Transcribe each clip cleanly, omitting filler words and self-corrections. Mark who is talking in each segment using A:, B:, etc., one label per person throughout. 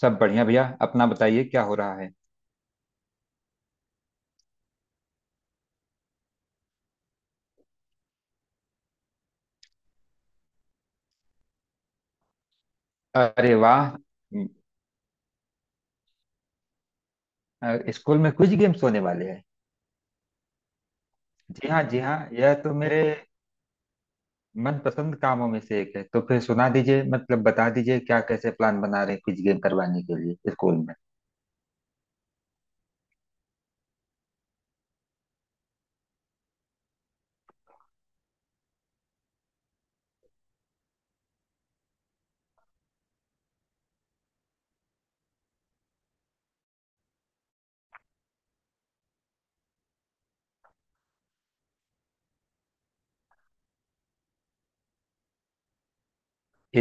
A: सब बढ़िया भैया। अपना बताइए, क्या हो रहा है? अरे वाह! स्कूल में कुछ गेम्स होने वाले हैं। जी हाँ, जी हाँ, यह तो मेरे मनपसंद कामों में से एक है। तो फिर सुना दीजिए, मतलब बता दीजिए, क्या कैसे प्लान बना रहे हैं कुछ गेम करवाने के लिए स्कूल में?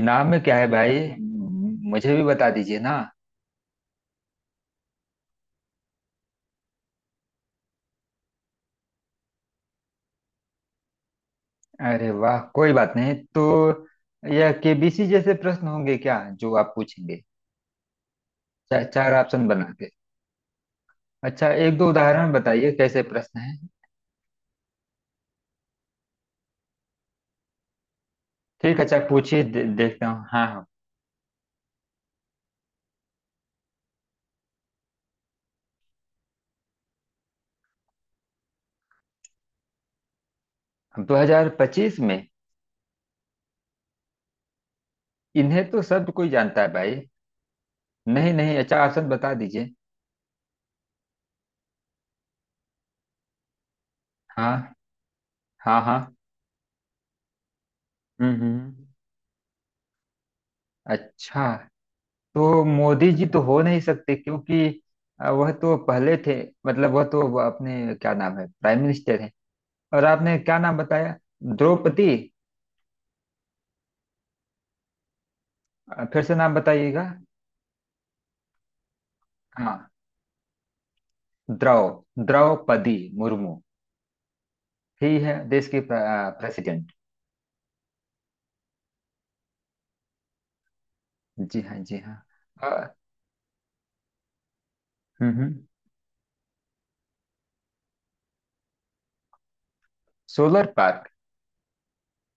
A: इनाम में क्या है भाई? मुझे भी बता दीजिए ना। अरे वाह, कोई बात नहीं। तो यह केबीसी जैसे प्रश्न होंगे क्या, जो आप पूछेंगे? चार ऑप्शन बना के? अच्छा, एक दो उदाहरण बताइए, कैसे प्रश्न है। ठीक है, अच्छा पूछिए, देखता हूँ। हाँ हाँ। 2025 में? इन्हें तो सब कोई जानता है भाई। नहीं नहीं, अच्छा ऑप्शन बता दीजिए। हाँ। हाँ हाँ। हम्म। अच्छा। तो मोदी जी तो हो नहीं सकते क्योंकि वह तो पहले थे। मतलब वह तो वो अपने क्या नाम है, प्राइम मिनिस्टर हैं। और आपने क्या नाम बताया? द्रौपदी। फिर से नाम बताइएगा। हाँ। द्रौ द्रौपदी मुर्मू ही है देश के प्रेसिडेंट। जी हाँ, जी हाँ। हम्म हम्म। Solar park.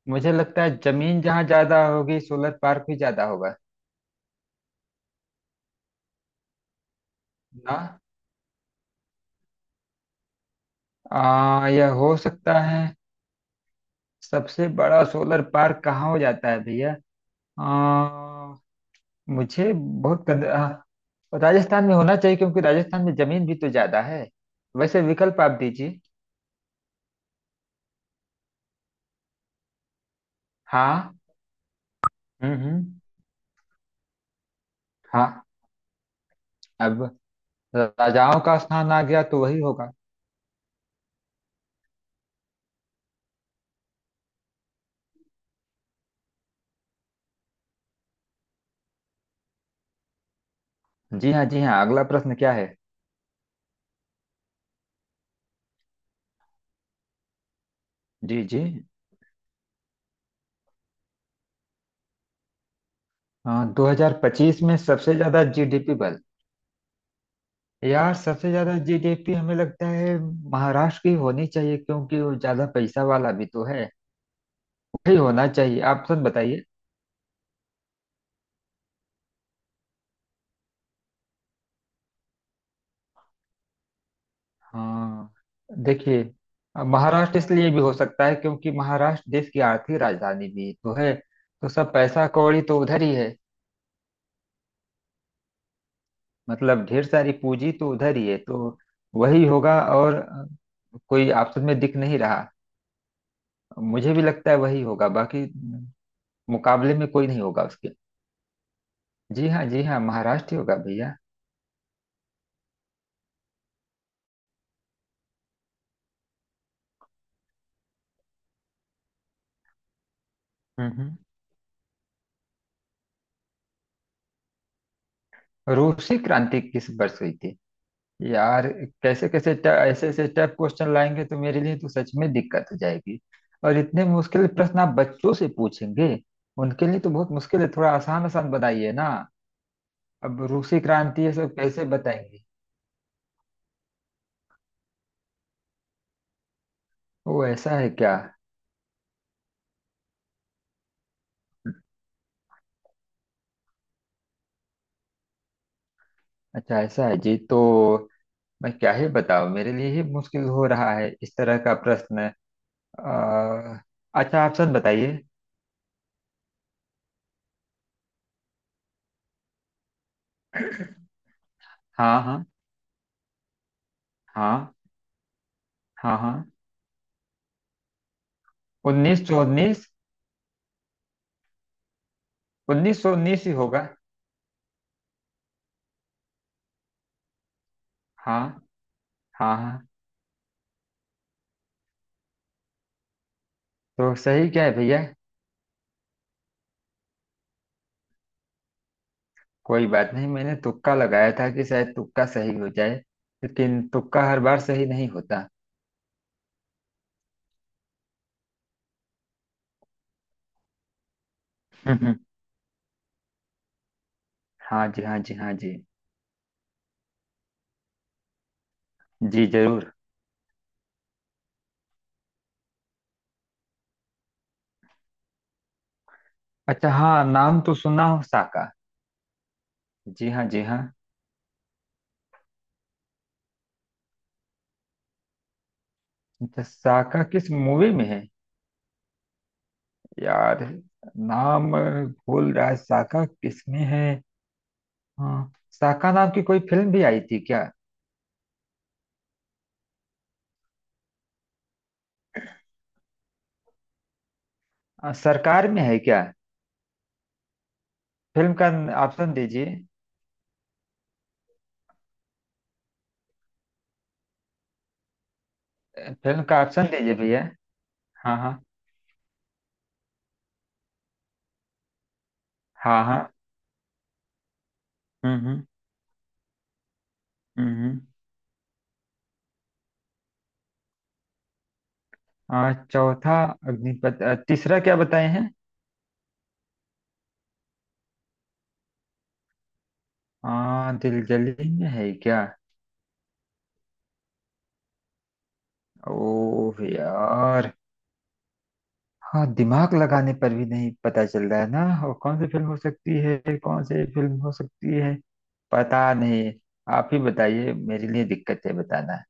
A: मुझे लगता है जमीन जहाँ ज्यादा होगी, सोलर पार्क भी ज्यादा होगा। ना। यह हो सकता है। सबसे बड़ा सोलर पार्क कहाँ हो जाता है भैया? आ, मुझे बहुत राजस्थान में होना चाहिए, क्योंकि राजस्थान में जमीन भी तो ज्यादा है। वैसे विकल्प आप दीजिए। हाँ। हम्म। हाँ। अब राजाओं का स्थान आ गया, तो वही होगा। जी हाँ, जी हाँ। अगला प्रश्न क्या है? जी जी। हाँ, 2025 में सबसे ज्यादा जीडीपी बल। यार, सबसे ज्यादा जीडीपी हमें लगता है महाराष्ट्र की होनी चाहिए, क्योंकि वो ज्यादा पैसा वाला भी तो है। वही होना चाहिए, आप सब बताइए। हाँ। देखिए, अब महाराष्ट्र इसलिए भी हो सकता है क्योंकि महाराष्ट्र देश की आर्थिक राजधानी भी तो है। तो सब पैसा कौड़ी तो उधर ही है। मतलब ढेर सारी पूंजी तो उधर ही है, तो वही होगा। और कोई ऑप्शन में दिख नहीं रहा। मुझे भी लगता है वही होगा, बाकी मुकाबले में कोई नहीं होगा उसके। जी हाँ, जी हाँ, महाराष्ट्र ही होगा भैया। हम्म हम्म। रूसी क्रांति किस वर्ष हुई थी? यार, कैसे कैसे ट- ऐसे ऐसे टफ क्वेश्चन लाएंगे तो मेरे लिए तो सच में दिक्कत हो जाएगी। और इतने मुश्किल प्रश्न आप बच्चों से पूछेंगे? उनके लिए तो बहुत मुश्किल है, थोड़ा आसान आसान बताइए ना। अब रूसी क्रांति ये सब कैसे बताएंगे? वो ऐसा है क्या? अच्छा ऐसा है जी। तो मैं क्या ही बताऊं, मेरे लिए ही मुश्किल हो रहा है इस तरह का प्रश्न। अ, अच्छा, आप सच बताइए। हाँ हाँ। हाँ। हाँ हाँ। 1919। उन्नीस सौ उन्नीस ही होगा। हाँ। हाँ हाँ। तो सही क्या है भैया? कोई बात नहीं, मैंने तुक्का लगाया था कि शायद तुक्का सही हो जाए। लेकिन तुक्का हर बार सही नहीं होता। हम्म। हाँ जी, हाँ जी, हाँ जी। जी जरूर। अच्छा हाँ, नाम तो सुना हो साका। जी हाँ, जी हाँ। अच्छा, साका किस मूवी में है? यार, नाम भूल रहा है, साका किस में है। हाँ, शाखा नाम की कोई फिल्म भी आई थी क्या? सरकार में है क्या फिल्म का? ऑप्शन दीजिए। फिल्म का ऑप्शन दीजिए भैया। हाँ हाँ। हाँ हाँ। हम्म। हम्म हम्म। चौथा अग्निपथ, तीसरा क्या बताए हैं? दिलजली में है क्या? ओह यार। हाँ, दिमाग लगाने पर भी नहीं पता चल रहा है ना। और कौन सी फिल्म हो सकती है, कौन सी फिल्म हो सकती है? पता नहीं। आप ही बताइए, मेरे लिए दिक्कत है बताना।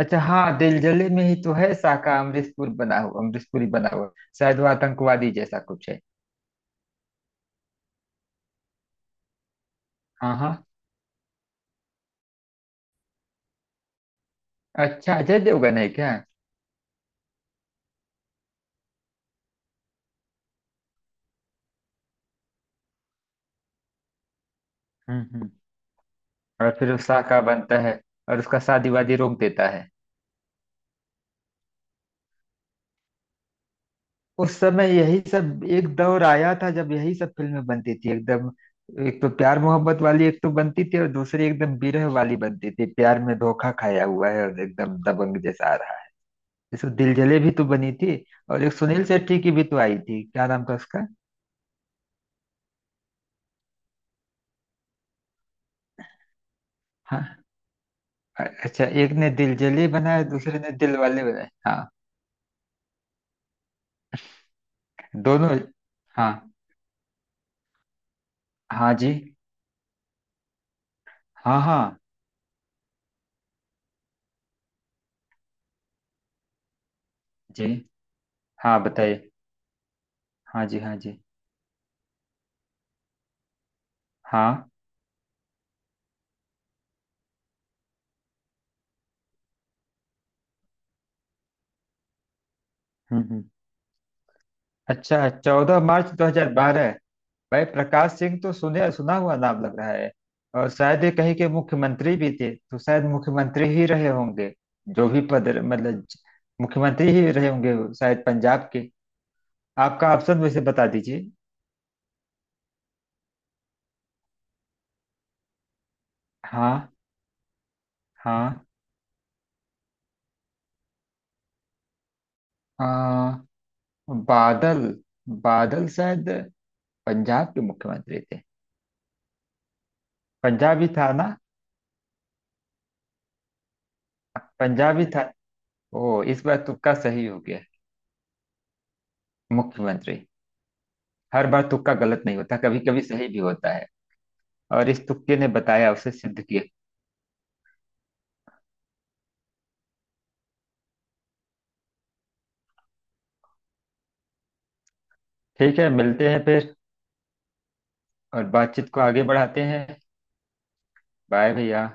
A: अच्छा हाँ, दिलजले में ही तो है साका। अमरीशपुरी बना हुआ। शायद वो आतंकवादी जैसा कुछ है। हाँ हाँ। अच्छा, अजय देवगन है क्या? हम्म। और फिर वो साका बनता है, और उसका शादी वादी रोक देता है। उस समय यही सब एक दौर आया था, जब यही सब फिल्में बनती थी एकदम। एक तो प्यार मोहब्बत वाली एक तो बनती थी, और दूसरी एकदम बिरह वाली बनती थी, प्यार में धोखा खाया हुआ है और एकदम दबंग जैसा आ रहा है। जैसे दिलजले भी तो बनी थी। और एक सुनील शेट्टी की भी तो आई थी, क्या नाम था उसका? हाँ। अच्छा, एक ने दिल जले बनाए, दूसरे ने दिल वाले बनाए। हाँ। दोनों। हाँ हाँ। जी हाँ। हाँ जी हाँ। बताइए। हाँ जी, हाँ जी, हाँ। हम्म। अच्छा, 14 मार्च 2012। भाई प्रकाश सिंह तो सुने सुना हुआ नाम लग रहा है। और शायद ये कहीं के मुख्यमंत्री भी थे, तो शायद मुख्यमंत्री ही रहे होंगे। जो भी पद, मतलब मुख्यमंत्री ही रहे होंगे, शायद पंजाब के। आपका ऑप्शन वैसे बता दीजिए। हाँ। हाँ। हाँ। बादल, बादल शायद पंजाब के मुख्यमंत्री थे। पंजाबी था ना। पंजाबी था। ओ, इस बार तुक्का सही हो गया। मुख्यमंत्री। हर बार तुक्का गलत नहीं होता, कभी कभी सही भी होता है। और इस तुक्के ने बताया, उसे सिद्ध किया। ठीक है, मिलते हैं फिर। और बातचीत को आगे बढ़ाते हैं। बाय भैया।